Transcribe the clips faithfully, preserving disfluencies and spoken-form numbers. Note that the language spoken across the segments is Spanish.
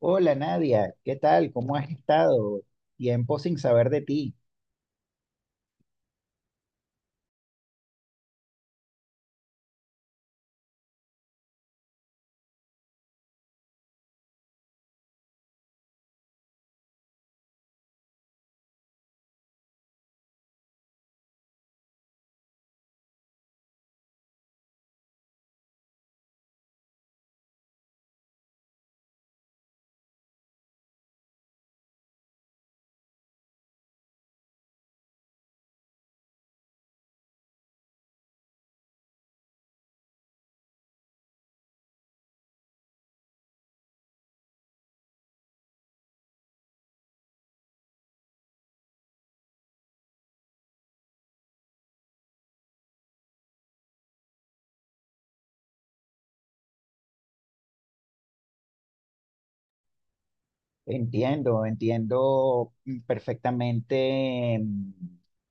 Hola Nadia, ¿qué tal? ¿Cómo has estado? Tiempo sin saber de ti. Entiendo, entiendo, mm, perfectamente, mm,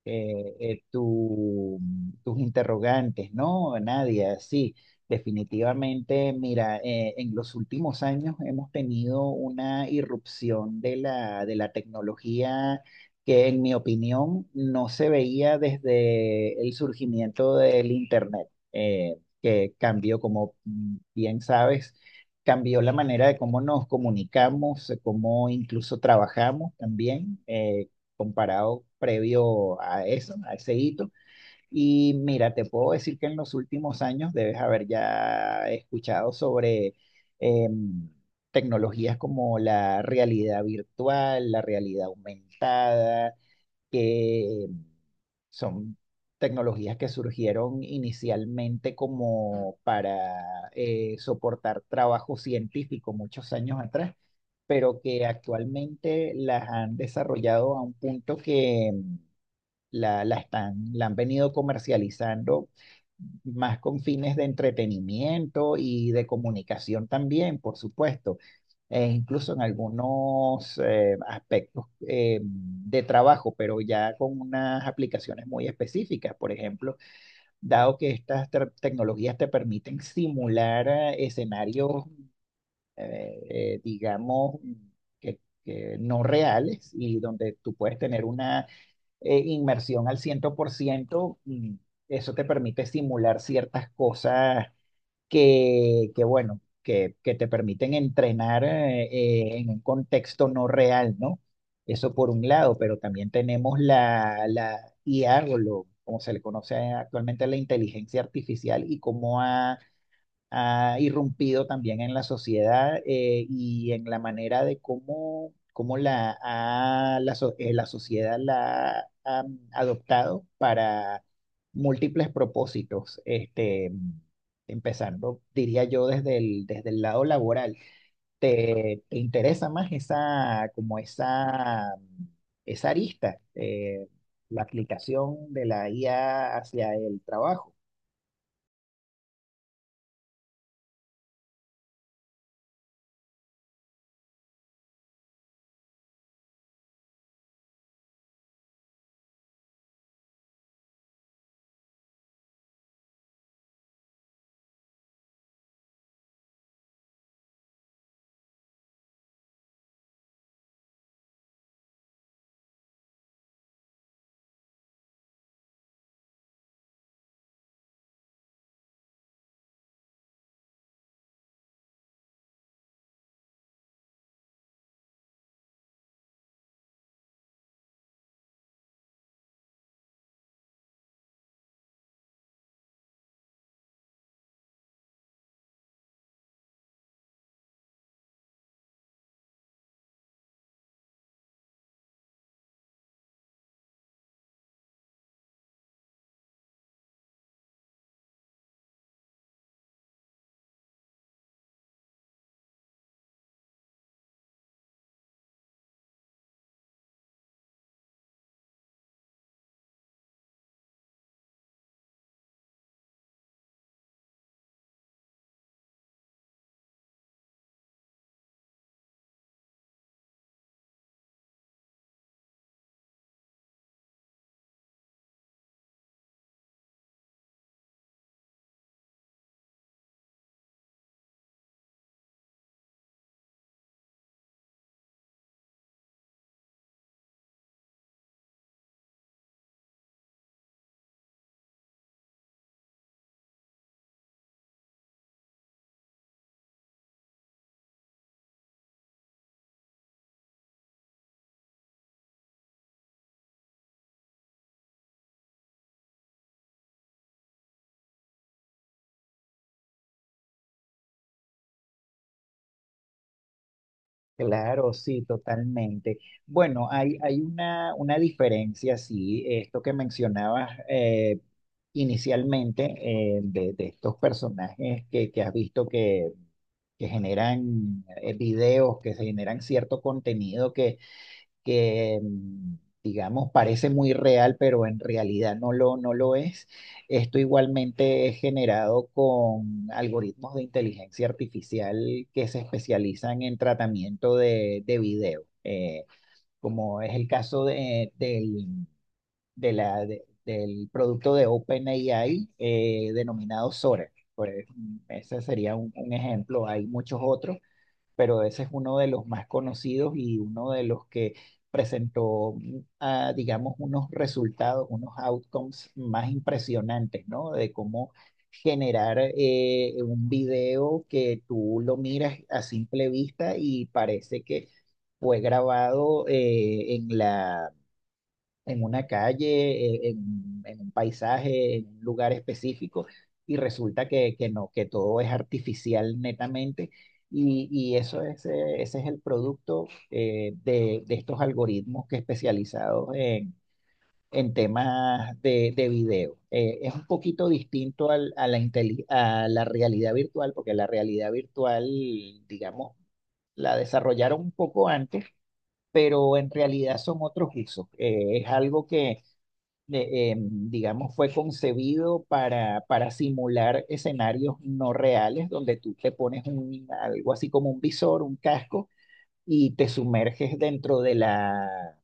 eh, eh, tu- mm, tus interrogantes, ¿no? Nadia, sí, definitivamente, mira, eh, en los últimos años hemos tenido una irrupción de la, de la tecnología que, en mi opinión, no se veía desde el surgimiento del Internet, eh, que cambió, como mm, bien sabes, cambió la manera de cómo nos comunicamos, de cómo incluso trabajamos también, eh, comparado previo a eso, a ese hito. Y mira, te puedo decir que en los últimos años debes haber ya escuchado sobre em, tecnologías como la realidad virtual, la realidad aumentada, que son tecnologías que surgieron inicialmente como para eh, soportar trabajo científico muchos años atrás, pero que actualmente las han desarrollado a un punto que la, la están, la han venido comercializando más con fines de entretenimiento y de comunicación también, por supuesto. E incluso en algunos eh, aspectos eh, de trabajo, pero ya con unas aplicaciones muy específicas. Por ejemplo, dado que estas te- tecnologías te permiten simular eh, escenarios, eh, eh, digamos, que, que no reales, y donde tú puedes tener una eh, inmersión al cien por ciento, y eso te permite simular ciertas cosas que, que bueno, que, que te permiten entrenar, eh, eh, en un contexto no real, ¿no? Eso por un lado, pero también tenemos la, la I A, o lo, como se le conoce actualmente, la inteligencia artificial, y cómo ha ha irrumpido también en la sociedad, eh, y en la manera de cómo, cómo la, ha- la, so- eh, la sociedad la ha mm, adoptado para múltiples propósitos, este, empezando, diría yo, desde el, desde el lado laboral. ¿Te, te interesa más esa, como esa, esa arista, eh, la aplicación de la I A hacia el trabajo? Claro, sí, totalmente. Bueno, hay, hay una, una diferencia, sí. Esto que mencionabas eh, inicialmente, eh, de, de estos personajes que, que has visto, que, que generan eh, videos, que se generan cierto contenido que mm, digamos parece muy real, pero en realidad no lo, no lo es. Esto igualmente es generado con algoritmos de inteligencia artificial que se especializan en tratamiento de, de video, eh, como es el caso de, del, de la, de- del producto de OpenAI, eh, denominado Sora. Pues, mm, ese sería un, un ejemplo. Hay muchos otros, pero ese es uno de los más conocidos y uno de los que presentó, mm, ah, digamos, unos resultados, unos outcomes más impresionantes, ¿no? De cómo generar eh, un video que tú lo miras a simple vista y parece que fue grabado eh, en la en una calle, eh, en, en un paisaje, en un lugar específico, y resulta que, que no, que todo es artificial netamente, y, y eso es, eh, ese es el producto, eh, de, de estos algoritmos que especializados en, en temas de, de video. Eh, es un poquito distinto al- a la, inteli- a la realidad virtual, porque la realidad virtual, digamos, la desarrollaron un poco antes, pero en realidad son otros usos. Eh, es algo que de- eh, digamos, fue concebido para, para simular escenarios no reales donde tú te pones un, algo así como un visor, un casco, y te sumerges dentro de la,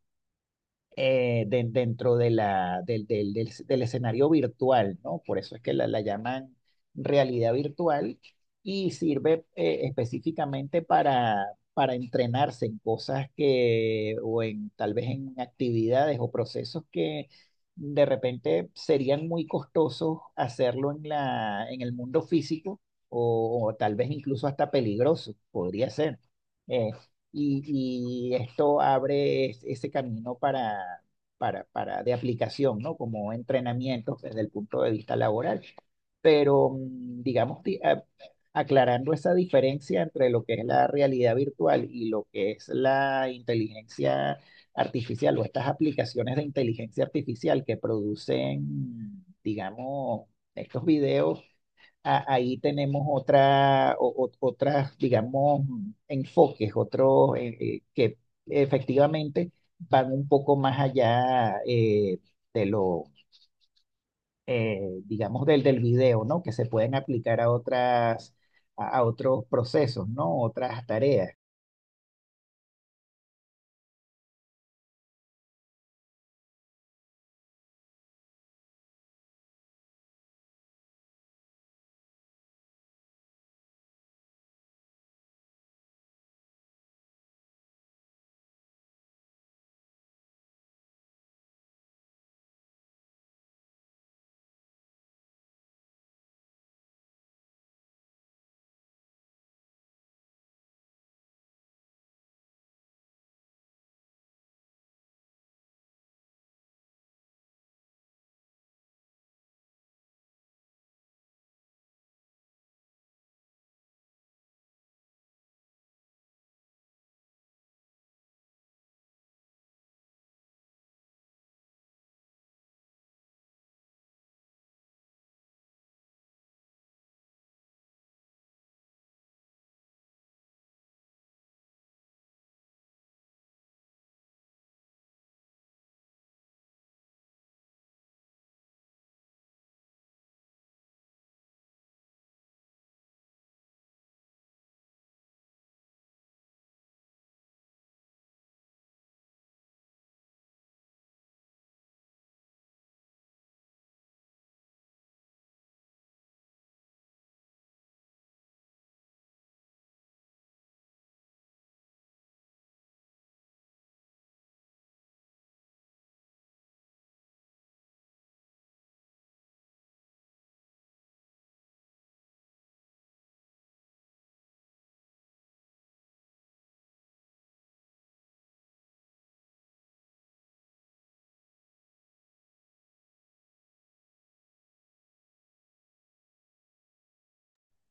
eh, de- dentro de la, del, del- del- del escenario virtual, ¿no? Por eso es que la, la llaman realidad virtual y sirve eh, específicamente para, para entrenarse en cosas que, o en tal vez en actividades o procesos que de repente serían muy costosos hacerlo en la, en el mundo físico, o, o tal vez incluso hasta peligroso, podría ser, y, y esto abre es- ese camino para, para, para de aplicación, ¿no? Como entrenamientos desde el punto de vista laboral. Pero, mm, digamos, ti- a- aclarando esa diferencia entre lo que es la realidad virtual y lo que es la inteligencia artificial, o estas aplicaciones de inteligencia artificial que producen, digamos, estos videos, a- ahí tenemos otra, o- o- otras, digamos, enfoques, otros, eh, eh, que efectivamente van un poco más allá, eh, de lo, eh, digamos, del, del video, ¿no? Que se pueden aplicar a otras, a, a otros procesos, ¿no? Otras tareas.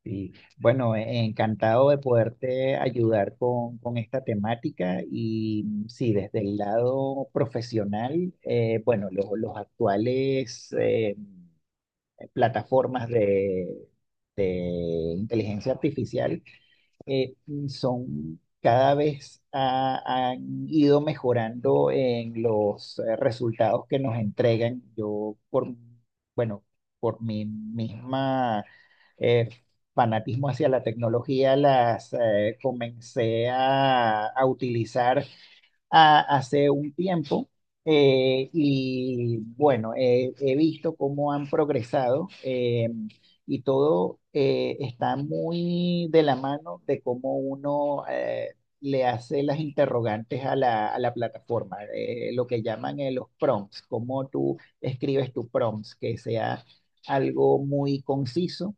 Y bueno, eh, encantado de poderte ayudar con, con esta temática. Y mm, sí, desde el lado profesional, eh, bueno, los, los actuales... eh, plataformas de, de inteligencia artificial, eh, son cada vez ha- han ido mejorando en los eh, resultados que nos entregan. Yo, por, bueno, por mi misma eh, fanatismo hacia la tecnología, las eh, comencé a, a utilizar, a- hace un tiempo, eh, y bueno, eh, he visto cómo han progresado, eh, y todo eh, está muy de la mano de cómo uno eh, le hace las interrogantes a la, a la plataforma, eh, lo que llaman eh, los prompts, cómo tú escribes tu prompts, que sea algo muy conciso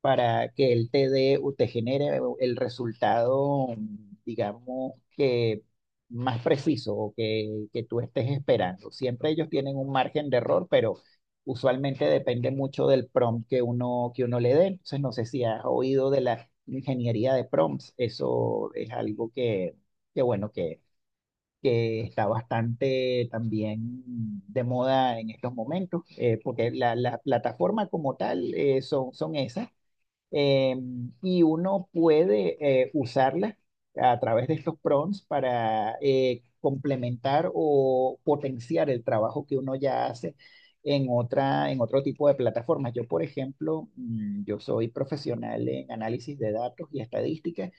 para que él te dé o te genere el resultado, digamos, que más preciso o que, que tú estés esperando. Siempre ellos tienen un margen de error, pero usualmente depende mucho del prompt que uno, que uno le dé. Entonces, no sé si has oído de la ingeniería de prompts. Eso es algo que, que bueno, que, que está bastante también de moda en estos momentos, eh, porque la, la plataforma como tal, eh, son, son esas, eh, y uno puede eh, usarla a través de estos prompts para eh, complementar o potenciar el trabajo que uno ya hace en otra, en otro tipo de plataformas. Yo, por ejemplo, mm, yo soy profesional en análisis de datos y estadística,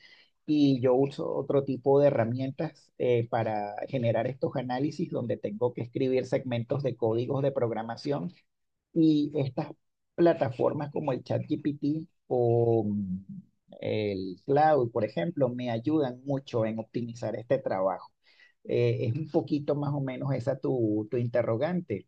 y yo uso otro tipo de herramientas eh, para generar estos análisis, donde tengo que escribir segmentos de códigos de programación, y estas plataformas como el ChatGPT, o mm, el Cloud, por ejemplo, me ayudan mucho en optimizar este trabajo. Eh, es un poquito más o menos esa tu, tu interrogante.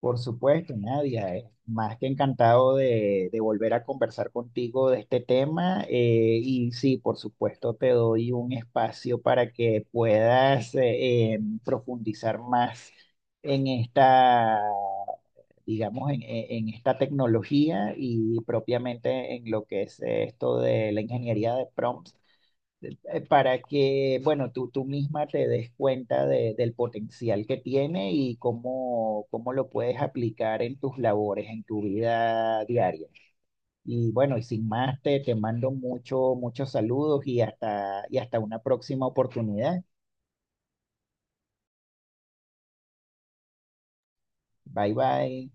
Por supuesto, Nadia, eh, más que encantado de, de volver a conversar contigo de este tema. eh, y sí, por supuesto, te doy un espacio para que puedas eh, eh, profundizar más en esta, digamos, en, en- en esta tecnología, y propiamente en lo que es esto de la ingeniería de prompts, eh, para que, bueno, tú, tú misma te des cuenta de- del potencial que tiene y cómo, cómo lo puedes aplicar en tus labores, en tu vida diaria. Y bueno, y sin más, te, te mando mucho, muchos saludos, y hasta, y hasta una próxima oportunidad. Bye bye.